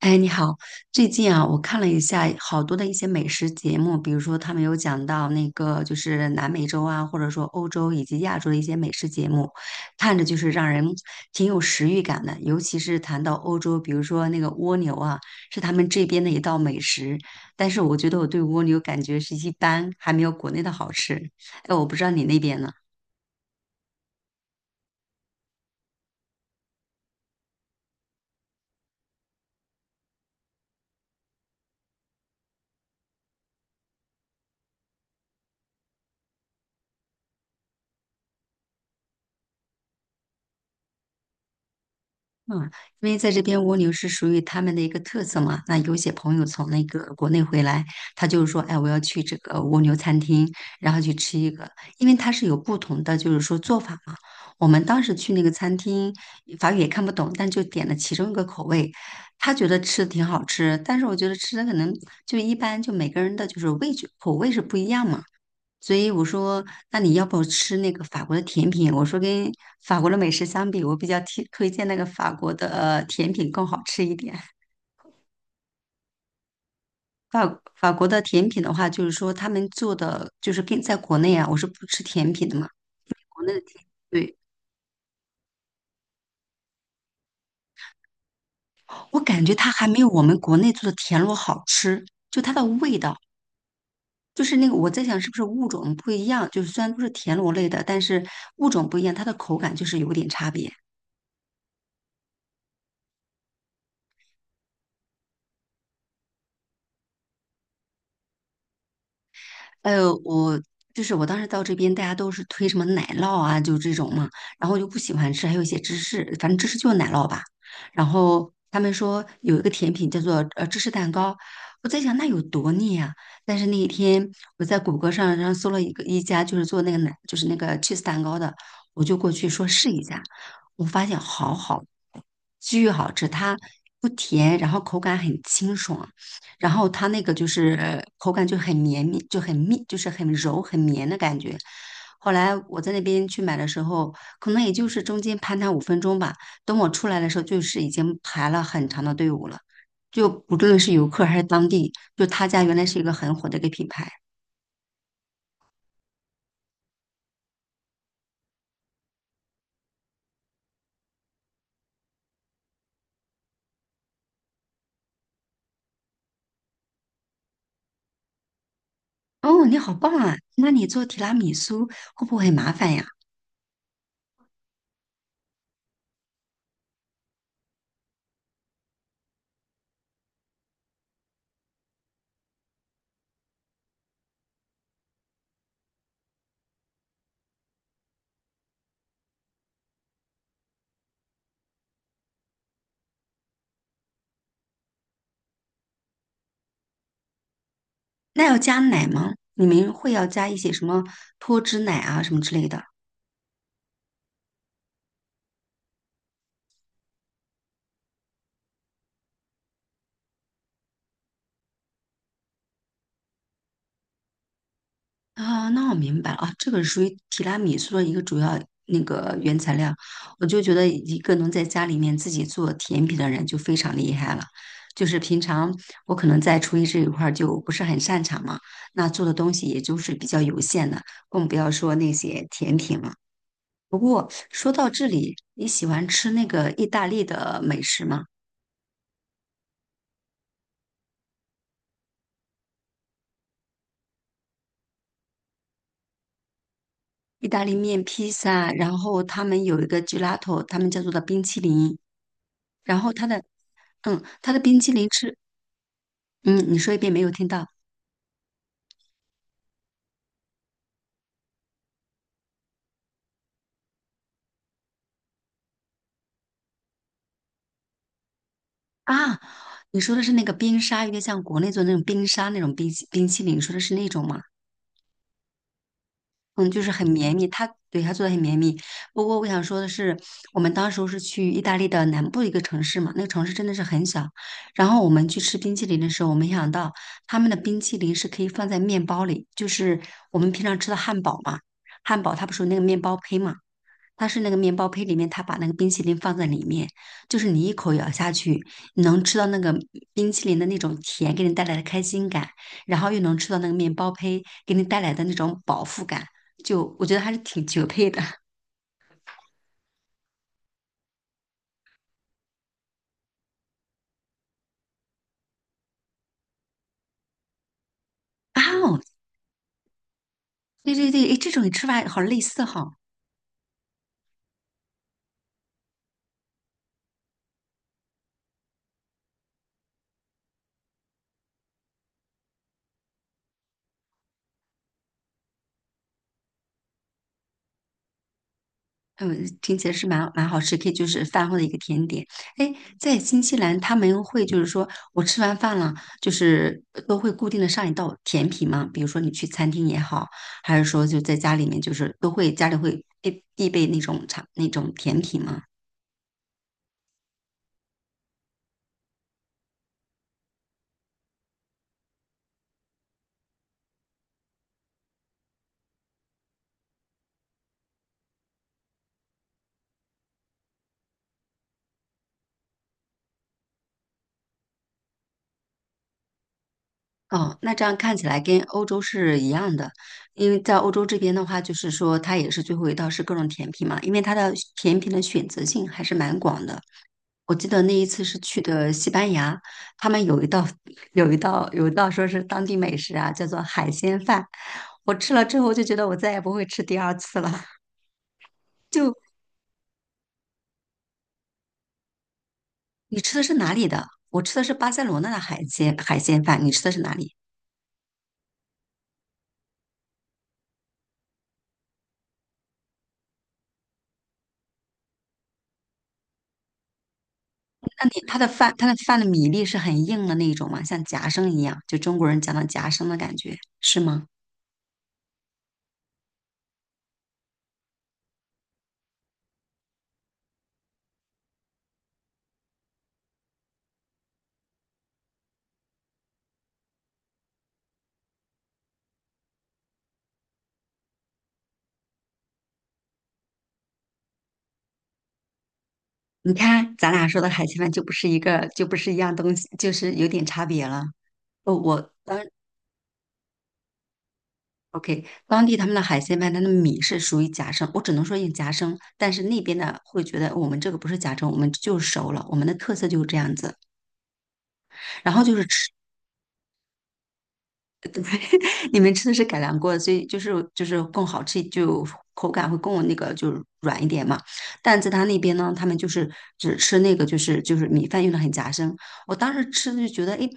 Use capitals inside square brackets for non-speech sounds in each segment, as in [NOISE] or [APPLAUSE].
哎，你好。最近啊，我看了一下好多的一些美食节目，比如说他们有讲到那个就是南美洲啊，或者说欧洲以及亚洲的一些美食节目，看着就是让人挺有食欲感的。尤其是谈到欧洲，比如说那个蜗牛啊，是他们这边的一道美食，但是我觉得我对蜗牛感觉是一般，还没有国内的好吃。哎，我不知道你那边呢？嗯，因为在这边蜗牛是属于他们的一个特色嘛。那有些朋友从那个国内回来，他就是说，哎，我要去这个蜗牛餐厅，然后去吃一个，因为它是有不同的，就是说做法嘛。我们当时去那个餐厅，法语也看不懂，但就点了其中一个口味，他觉得吃的挺好吃，但是我觉得吃的可能就一般，就每个人的就是味觉口味是不一样嘛。所以我说，那你要不吃那个法国的甜品？我说跟法国的美食相比，我比较推荐那个法国的甜品更好吃一点。法国的甜品的话，就是说他们做的就是跟在国内啊，我是不吃甜品的嘛，国内的甜，对，我感觉它还没有我们国内做的田螺好吃，就它的味道。就是那个，我在想是不是物种不一样，就是虽然都是田螺类的，但是物种不一样，它的口感就是有点差别。呃，我就是我当时到这边，大家都是推什么奶酪啊，就这种嘛，然后我就不喜欢吃，还有一些芝士，反正芝士就是奶酪吧。然后他们说有一个甜品叫做芝士蛋糕，我在想那有多腻啊？但是那一天我在谷歌上搜了一家就是做那个奶就是那个 cheese 蛋糕的，我就过去说试一下，我发现巨好吃，它不甜，然后口感很清爽。然后它那个就是口感就很绵密，就很密，就是很柔很绵的感觉。后来我在那边去买的时候，可能也就是中间攀它五分钟吧。等我出来的时候，就是已经排了很长的队伍了。就不论是游客还是当地，就他家原来是一个很火的一个品牌。哦，你好棒啊！那你做提拉米苏会不会很麻烦呀？那要加奶吗？你们会要加一些什么脱脂奶啊什么之类的？啊，那我明白了啊，这个是属于提拉米苏的一个主要那个原材料。我就觉得一个能在家里面自己做甜品的人就非常厉害了。就是平常我可能在厨艺这一块儿就不是很擅长嘛，那做的东西也就是比较有限的，更不要说那些甜品了。不过说到这里，你喜欢吃那个意大利的美食吗？意大利面、披萨，然后他们有一个 gelato,他们叫做的冰淇淋。然后它的，嗯，它的冰淇淋吃，嗯，你说一遍没有听到啊？你说的是那个冰沙，有点像国内做的那种冰沙那种冰淇淋，你说的是那种吗？嗯，就是很绵密，它对它做的很绵密。不过我想说的是，我们当时候是去意大利的南部一个城市嘛，那个城市真的是很小。然后我们去吃冰淇淋的时候，我没想到他们的冰淇淋是可以放在面包里，就是我们平常吃的汉堡嘛，汉堡它不是有那个面包胚嘛。它是那个面包胚里面，它把那个冰淇淋放在里面，就是你一口咬下去，你能吃到那个冰淇淋的那种甜给你带来的开心感，然后又能吃到那个面包胚给你带来的那种饱腹感，就我觉得还是挺绝配的。[LAUGHS] 啊哦，对对对，诶，这种吃法好类似哈。嗯，听起来是蛮好吃，可以就是饭后的一个甜点。哎，在新西兰他们会就是说我吃完饭了，就是都会固定的上一道甜品吗？比如说你去餐厅也好，还是说就在家里面，就是都会家里会必备那种茶那种甜品吗？哦，那这样看起来跟欧洲是一样的，因为在欧洲这边的话，就是说它也是最后一道是各种甜品嘛，因为它的甜品的选择性还是蛮广的。我记得那一次是去的西班牙，他们有一道 [LAUGHS] 有一道说是当地美食啊，叫做海鲜饭。我吃了之后就觉得我再也不会吃第二次了。[LAUGHS] 就你吃的是哪里的？我吃的是巴塞罗那的海鲜饭，你吃的是哪里？那你它的饭它的饭的米粒是很硬的那种吗？像夹生一样，就中国人讲的夹生的感觉，是吗？你看咱俩说的海鲜饭就不是一样东西，就是有点差别了。哦，我。OK,当地他们的海鲜饭，它的米是属于夹生，我只能说用夹生，但是那边呢会觉得哦我们这个不是夹生，我们就是熟了，我们的特色就是这样子。然后就是吃你们吃的是改良过的，所以就是更好吃，就口感会更那个就是软一点嘛。但在他那边呢，他们就是只吃那个就是米饭用的很夹生。我当时吃的就觉得，哎，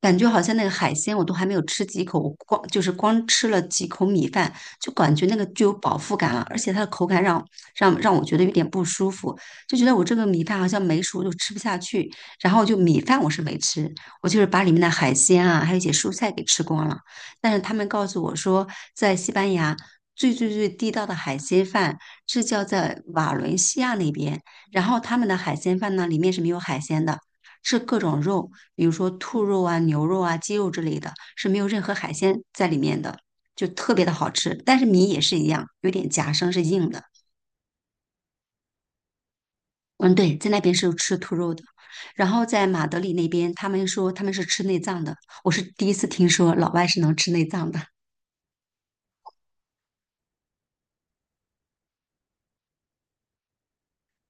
感觉好像那个海鲜我都还没有吃几口，我光就是光吃了几口米饭，就感觉那个就有饱腹感了，而且它的口感让我觉得有点不舒服，就觉得我这个米饭好像没熟就吃不下去。然后就米饭我是没吃，我就是把里面的海鲜啊，还有一些蔬菜给吃光了。但是他们告诉我说，在西班牙最最最地道的海鲜饭是叫在瓦伦西亚那边，然后他们的海鲜饭呢，里面是没有海鲜的，是各种肉，比如说兔肉啊、牛肉啊、鸡肉之类的，是没有任何海鲜在里面的，就特别的好吃。但是米也是一样，有点夹生，是硬的。嗯，对，在那边是吃兔肉的。然后在马德里那边，他们说他们是吃内脏的，我是第一次听说老外是能吃内脏的。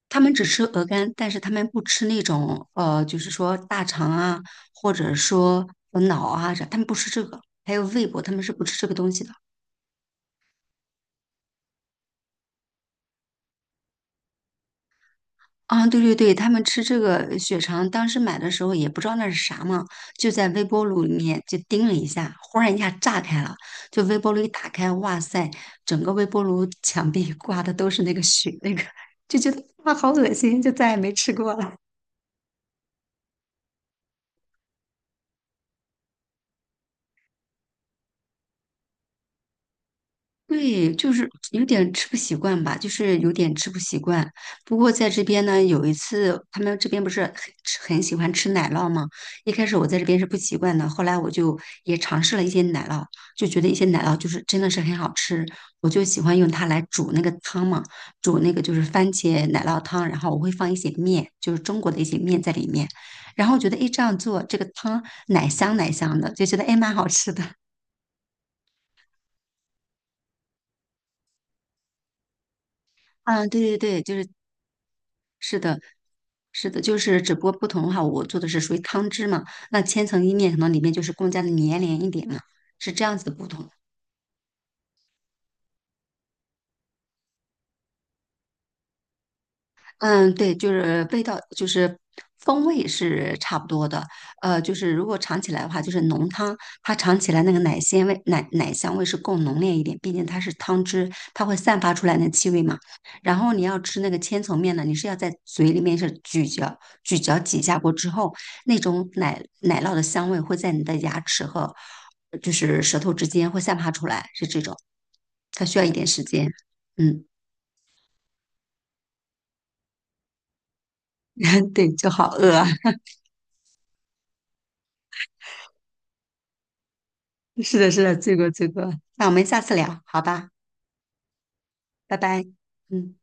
他们只吃鹅肝，但是他们不吃那种就是说大肠啊，或者说脑啊啥，他们不吃这个。还有胃部，他们是不吃这个东西的。啊，对对对，他们吃这个血肠，当时买的时候也不知道那是啥嘛，就在微波炉里面就叮了一下，忽然一下炸开了，就微波炉一打开，哇塞，整个微波炉墙壁挂的都是那个血，那个就觉得哇好恶心，就再也没吃过了。对，就是有点吃不习惯吧，就是有点吃不习惯。不过在这边呢，有一次他们这边不是很吃很喜欢吃奶酪吗？一开始我在这边是不习惯的，后来我就也尝试了一些奶酪，就觉得一些奶酪就是真的是很好吃，我就喜欢用它来煮那个汤嘛，煮那个就是番茄奶酪汤，然后我会放一些面，就是中国的一些面在里面，然后觉得诶这样做这个汤奶香奶香的，就觉得诶蛮好吃的。嗯，对对对，就是是的，是的，就是只不过不同的话，我做的是属于汤汁嘛，那千层意面可能里面就是更加的绵连一点嘛，是这样子的不同。嗯，对，就是味道，就是风味是差不多的。就是如果尝起来的话，就是浓汤，它尝起来那个奶鲜味、奶香味是更浓烈一点，毕竟它是汤汁，它会散发出来那气味嘛。然后你要吃那个千层面呢，你是要在嘴里面是咀嚼、咀嚼几下过之后，那种奶酪的香味会在你的牙齿和就是舌头之间会散发出来，是这种。它需要一点时间。嗯，[LAUGHS] 对，就好饿啊。是的，是的，这个这个，那我们下次聊，好吧。拜拜，嗯。